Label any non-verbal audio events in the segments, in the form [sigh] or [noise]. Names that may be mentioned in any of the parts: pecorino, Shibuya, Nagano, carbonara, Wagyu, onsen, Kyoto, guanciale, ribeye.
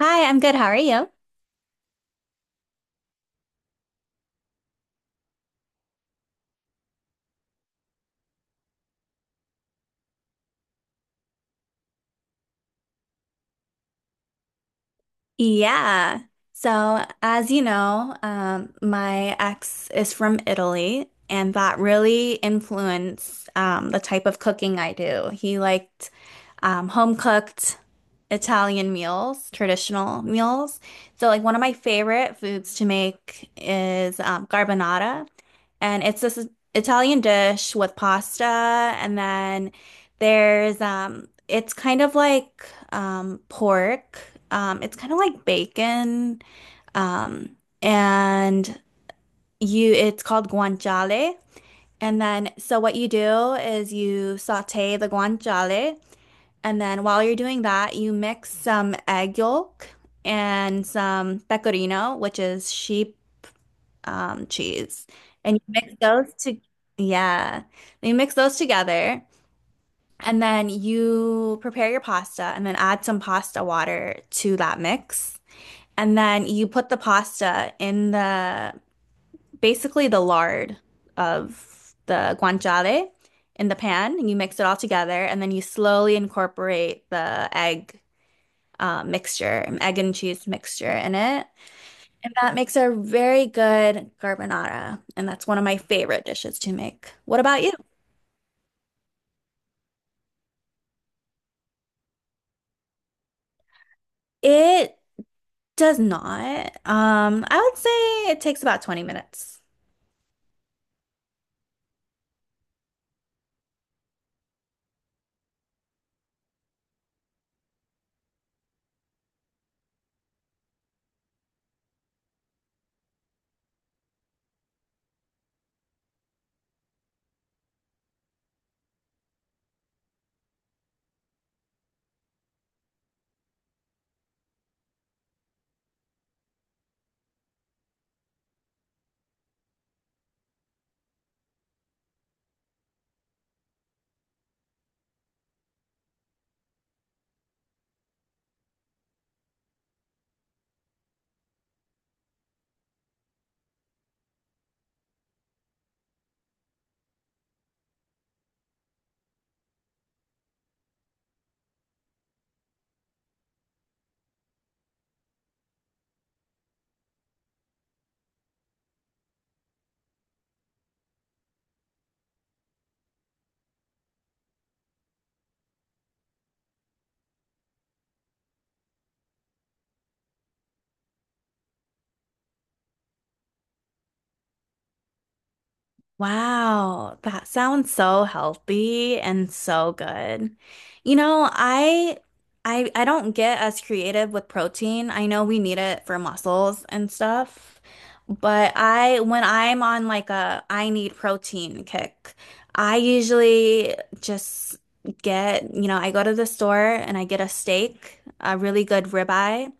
Hi, I'm good. How are you? Yeah. So, as you know, my ex is from Italy, and that really influenced the type of cooking I do. He liked home cooked. Italian meals, traditional meals. So like one of my favorite foods to make is carbonara, and it's this Italian dish with pasta, and then there's it's kind of like pork. It's kind of like bacon, um, and you. It's called guanciale. And then, so what you do is you saute the guanciale. And then while you're doing that, you mix some egg yolk and some pecorino, which is sheep cheese. And you mix those to, yeah, you mix those together. And then you prepare your pasta and then add some pasta water to that mix. And then you put the pasta in the basically the lard of the guanciale in the pan, and you mix it all together, and then you slowly incorporate the egg egg and cheese mixture in it. And that makes a very good carbonara, and that's one of my favorite dishes to make. What about you? It does not. I would say it takes about 20 minutes. Wow, that sounds so healthy and so good. You know, I I don't get as creative with protein. I know we need it for muscles and stuff, but I when I'm on like a I need protein kick, I usually just get, you know, I go to the store and I get a steak, a really good ribeye,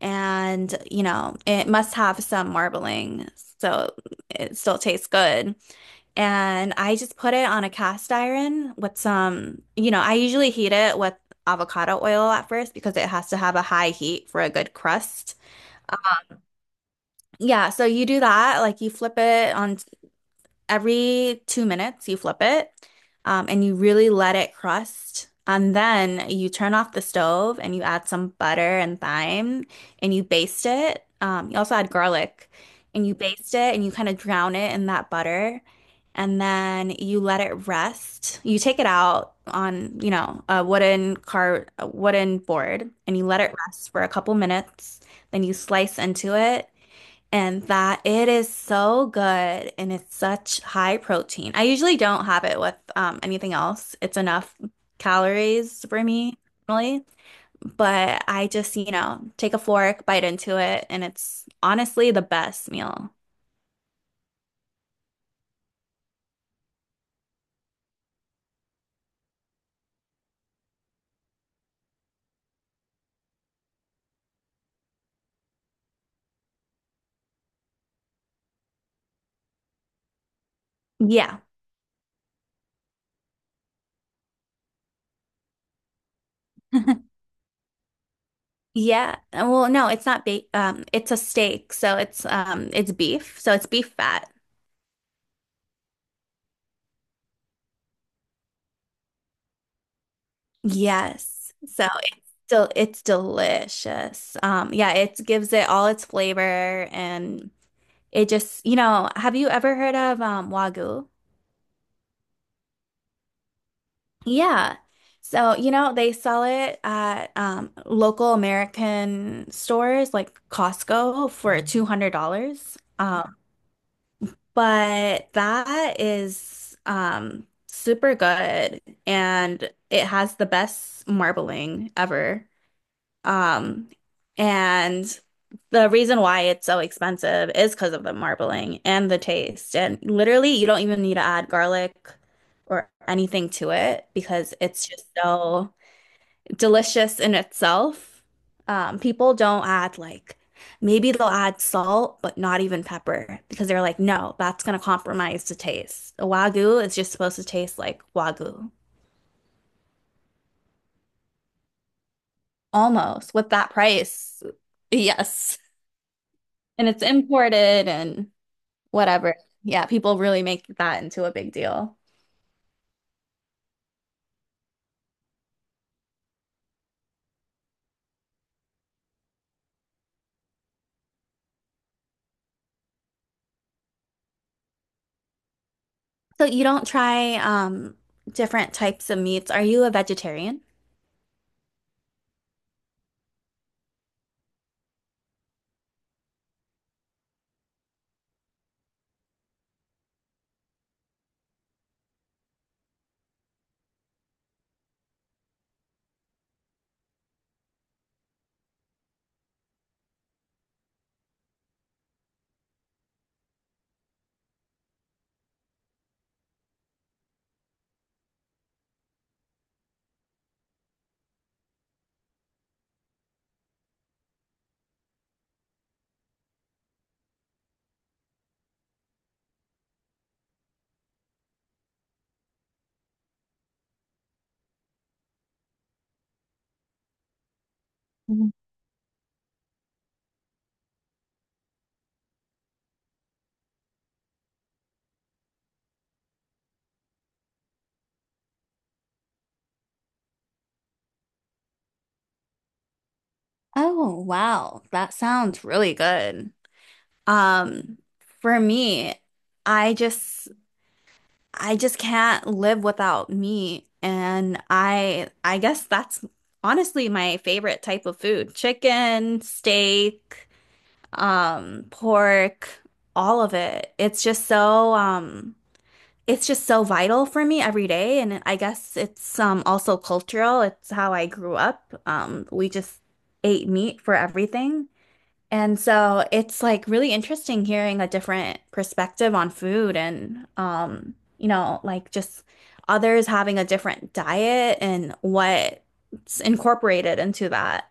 and you know it must have some marbling, so it still tastes good. And I just put it on a cast iron with some, you know, I usually heat it with avocado oil at first because it has to have a high heat for a good crust. Yeah, so you do that, like you flip it on every 2 minutes. You flip it and you really let it crust. And then you turn off the stove and you add some butter and thyme and you baste it. You also add garlic and you baste it and you kind of drown it in that butter. And then you let it rest. You take it out on, you know, a wooden board and you let it rest for a couple minutes. Then you slice into it, and that it is so good, and it's such high protein. I usually don't have it with anything else. It's enough calories for me normally, but I just, you know, take a fork, bite into it, and it's honestly the best meal. Yeah. [laughs] Yeah. Well, no, it's not ba it's a steak, so it's beef, so it's beef fat. Yes. So it's delicious. Yeah, it gives it all its flavor and it just, you know, have you ever heard of Wagyu? Yeah. So, you know, they sell it at local American stores like Costco for $200. But that is super good and it has the best marbling ever. Um, and the reason why it's so expensive is because of the marbling and the taste. And literally, you don't even need to add garlic or anything to it because it's just so delicious in itself. People don't add like maybe they'll add salt, but not even pepper because they're like, no, that's gonna compromise the taste. A wagyu is just supposed to taste like wagyu, almost with that price. Yes. And it's imported and whatever. Yeah, people really make that into a big deal. So you don't try different types of meats. Are you a vegetarian? Oh, wow. That sounds really good. Um, for me, I just I just can't live without meat, and I guess that's honestly my favorite type of food. Chicken, steak, pork, all of it. It's just so vital for me every day. And I guess it's also cultural. It's how I grew up. We just ate meat for everything. And so it's like really interesting hearing a different perspective on food, and you know, like just others having a different diet and what's incorporated into that.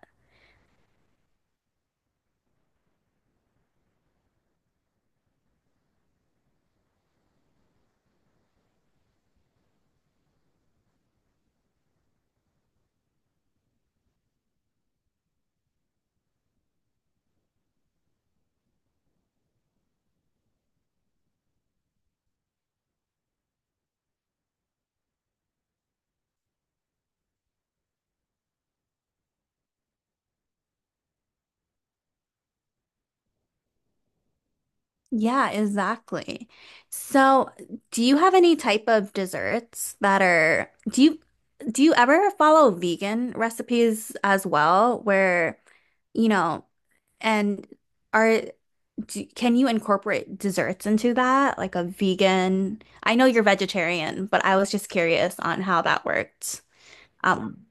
Yeah, exactly. So, do you have any type of desserts that are do you ever follow vegan recipes as well where, you know, and are can you incorporate desserts into that like a vegan? I know you're vegetarian, but I was just curious on how that worked. Um,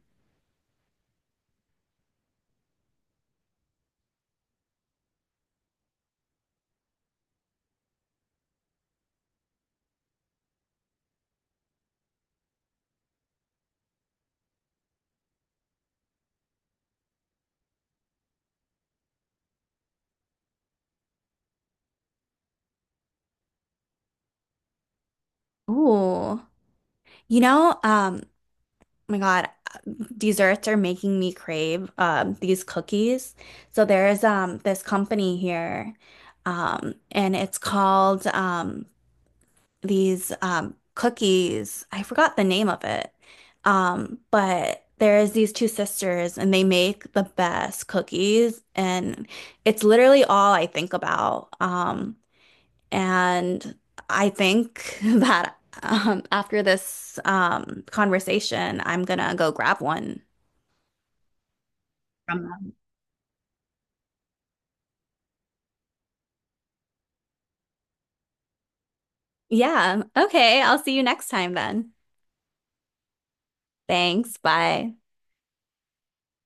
ooh. You know, oh my God, desserts are making me crave these cookies. So there's this company here, and it's called these cookies. I forgot the name of it. But there's these two sisters and they make the best cookies and it's literally all I think about. And I think [laughs] that after this conversation, I'm gonna go grab one. From- them. Yeah. Okay. I'll see you next time then. Thanks. Bye.